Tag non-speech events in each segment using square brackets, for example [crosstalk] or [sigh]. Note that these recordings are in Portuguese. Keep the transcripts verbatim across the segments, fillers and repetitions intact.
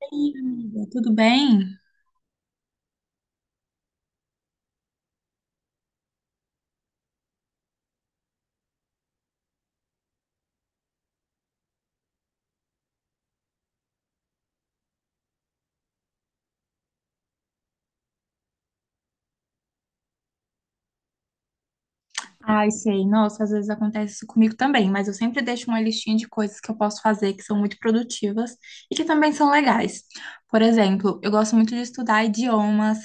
Oi, amiga, tudo bem? Ai, sei. Nossa, às vezes acontece isso comigo também, mas eu sempre deixo uma listinha de coisas que eu posso fazer que são muito produtivas e que também são legais. Por exemplo, eu gosto muito de estudar idiomas.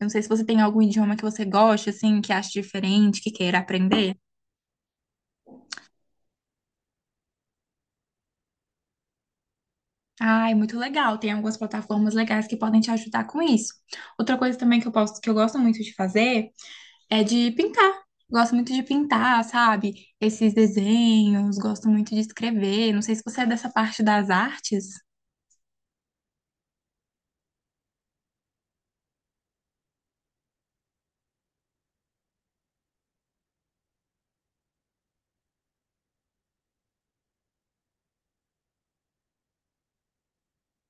Eu não sei se você tem algum idioma que você gosta, assim, que acha diferente, que queira aprender. Ai, muito legal. Tem algumas plataformas legais que podem te ajudar com isso. Outra coisa também que eu posso, que eu gosto muito de fazer é de pintar. Gosto muito de pintar, sabe? Esses desenhos, gosto muito de escrever. Não sei se você é dessa parte das artes.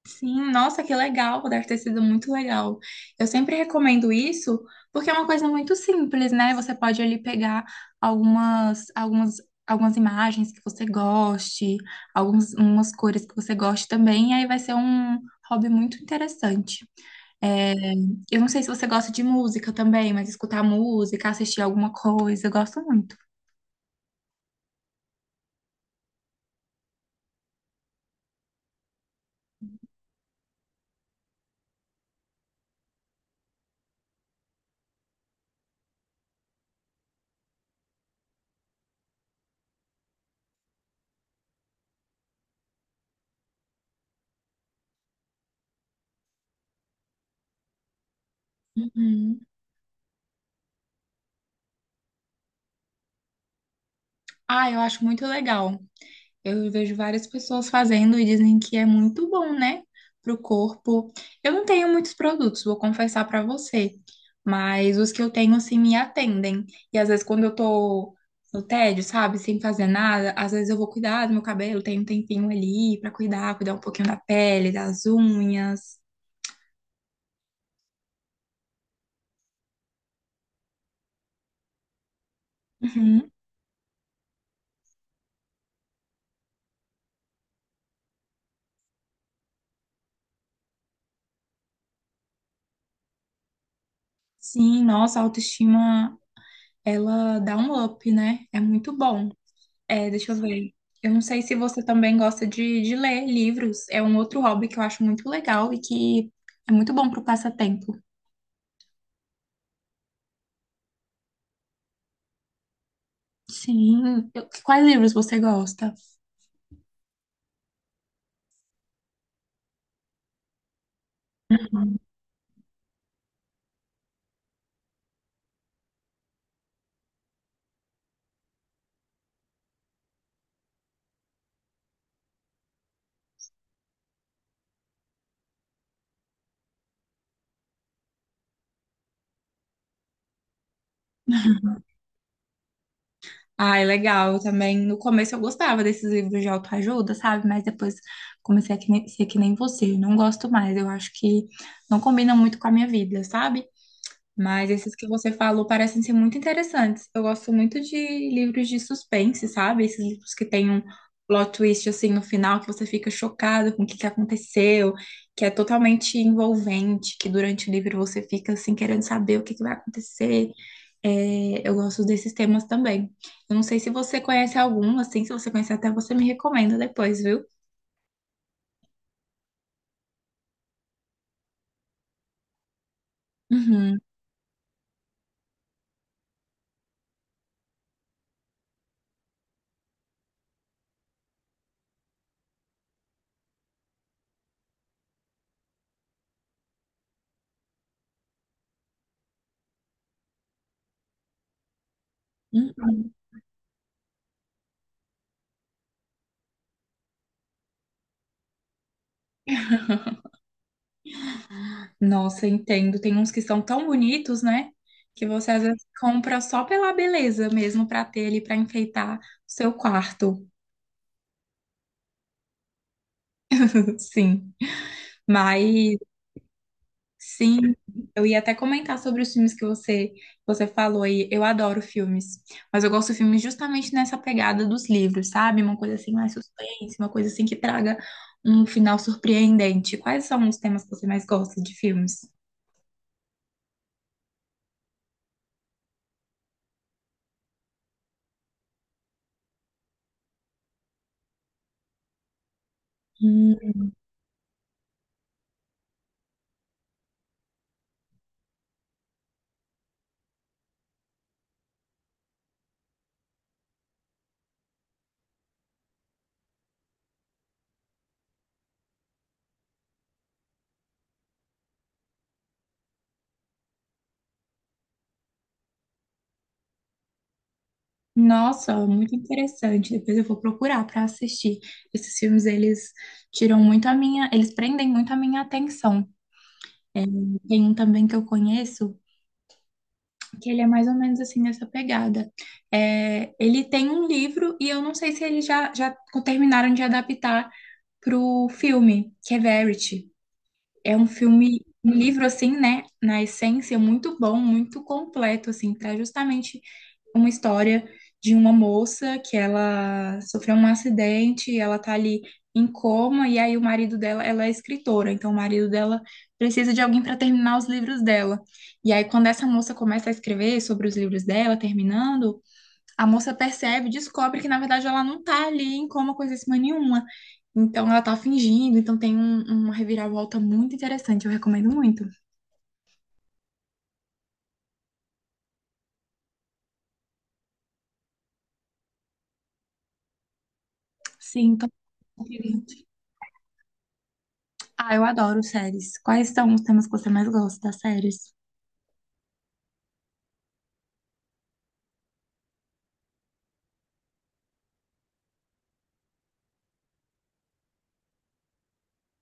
Sim, nossa, que legal, deve ter sido muito legal. Eu sempre recomendo isso porque é uma coisa muito simples, né? Você pode ali pegar algumas, algumas, algumas imagens que você goste, algumas umas cores que você goste também, e aí vai ser um hobby muito interessante. É, eu não sei se você gosta de música também, mas escutar música, assistir alguma coisa, eu gosto muito. Uhum. Ah, eu acho muito legal. Eu vejo várias pessoas fazendo e dizem que é muito bom, né? Pro corpo. Eu não tenho muitos produtos, vou confessar pra você, mas os que eu tenho assim me atendem. E às vezes quando eu tô no tédio, sabe, sem fazer nada, às vezes eu vou cuidar do meu cabelo, tenho um tempinho ali pra cuidar, cuidar um pouquinho da pele, das unhas. Uhum. Sim, nossa, a autoestima, ela dá um up, né? É muito bom. É, deixa eu ver. Eu não sei se você também gosta de, de ler livros. É um outro hobby que eu acho muito legal e que é muito bom para o passatempo. Sim. Eu- quais livros você gosta? Ah, é legal. Eu também, no começo eu gostava desses livros de autoajuda, sabe? Mas depois comecei a que nem- ser que nem você. Eu não gosto mais. Eu acho que não combina muito com a minha vida, sabe? Mas esses que você falou parecem ser muito interessantes. Eu gosto muito de livros de suspense, sabe? Esses livros que tem um plot twist assim no final, que você fica chocado com o que que aconteceu, que é totalmente envolvente, que durante o livro você fica assim querendo saber o que que vai acontecer. É, eu gosto desses temas também. Eu não sei se você conhece algum, assim, se você conhecer até você me recomenda depois, viu? Uhum. Uhum. Nossa, entendo. Tem uns que são tão bonitos, né? Que você às vezes compra só pela beleza mesmo para ter ali para enfeitar o seu quarto. [laughs] Sim. Mas sim, eu ia até comentar sobre os filmes que você você falou aí. Eu adoro filmes, mas eu gosto de filmes justamente nessa pegada dos livros, sabe? Uma coisa assim mais suspense, uma coisa assim que traga um final surpreendente. Quais são os temas que você mais gosta de filmes? Nossa, muito interessante. Depois eu vou procurar para assistir. Esses filmes, eles tiram muito a minha, eles prendem muito a minha atenção. Tem um também que eu conheço, que ele é mais ou menos assim nessa pegada. É, ele tem um livro e eu não sei se eles já, já terminaram de adaptar para o filme, que é Verity. É um filme, um livro assim, né, na essência, muito bom, muito completo, assim, para justamente uma história de uma moça que ela sofreu um acidente, ela tá ali em coma, e aí o marido dela, ela é escritora, então o marido dela precisa de alguém para terminar os livros dela. E aí, quando essa moça começa a escrever sobre os livros dela, terminando, a moça percebe, descobre que na verdade ela não tá ali em coma coisa assim nenhuma. Então ela tá fingindo, então tem um, uma reviravolta muito interessante, eu recomendo muito. Sim, então. Ah, eu adoro séries. Quais são os temas que você mais gosta das séries?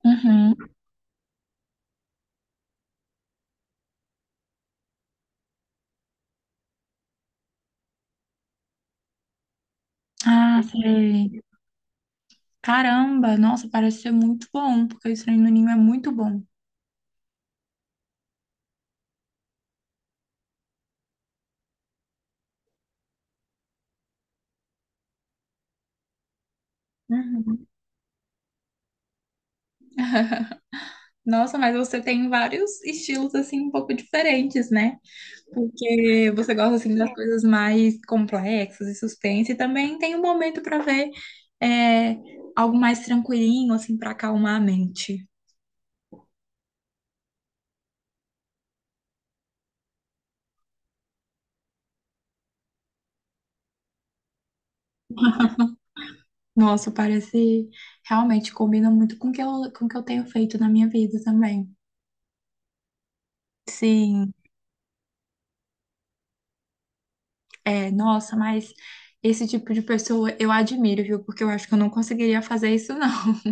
Uhum. Ah, sei. Caramba, nossa, parece ser muito bom, porque o estranho no ninho é muito bom. Uhum. Nossa, mas você tem vários estilos assim um pouco diferentes, né? Porque você gosta assim das coisas mais complexas e suspense, e também tem um momento para ver é, algo mais tranquilinho assim para acalmar a mente. Nossa, parece realmente combina muito com o que eu, com o que eu tenho feito na minha vida também. Sim. É, nossa, mas esse tipo de pessoa eu admiro, viu? Porque eu acho que eu não conseguiria fazer isso, não. [laughs]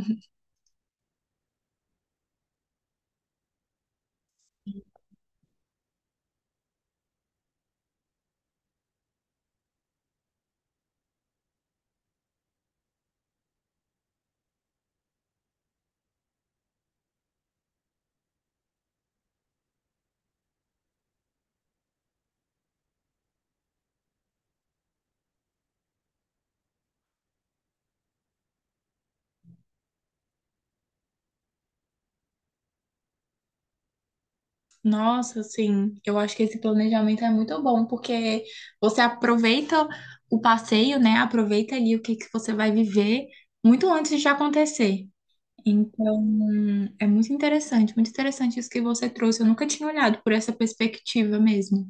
Nossa, assim, eu acho que esse planejamento é muito bom, porque você aproveita o passeio, né? Aproveita ali o que que você vai viver muito antes de acontecer. Então, é muito interessante, muito interessante isso que você trouxe. Eu nunca tinha olhado por essa perspectiva mesmo.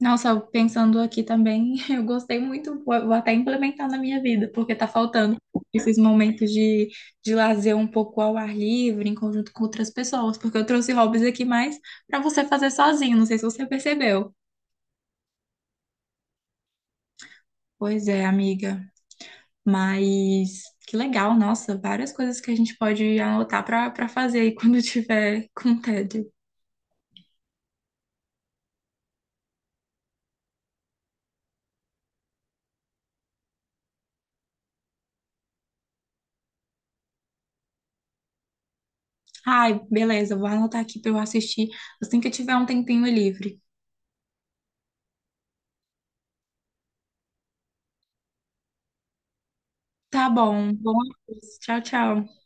Nossa, pensando aqui também, [laughs] eu gostei muito, vou vou até implementar na minha vida, porque tá faltando esses momentos de, de lazer um pouco ao ar livre, em conjunto com outras pessoas, porque eu trouxe hobbies aqui mais pra você fazer sozinho, não sei se você percebeu. Pois é, amiga, mas que legal, nossa, várias coisas que a gente pode anotar pra para fazer aí quando [laughs] tiver com tédio. Ai, beleza, vou anotar aqui pra eu assistir assim que eu tiver um tempinho livre. Tá bom, bom, tchau, tchau.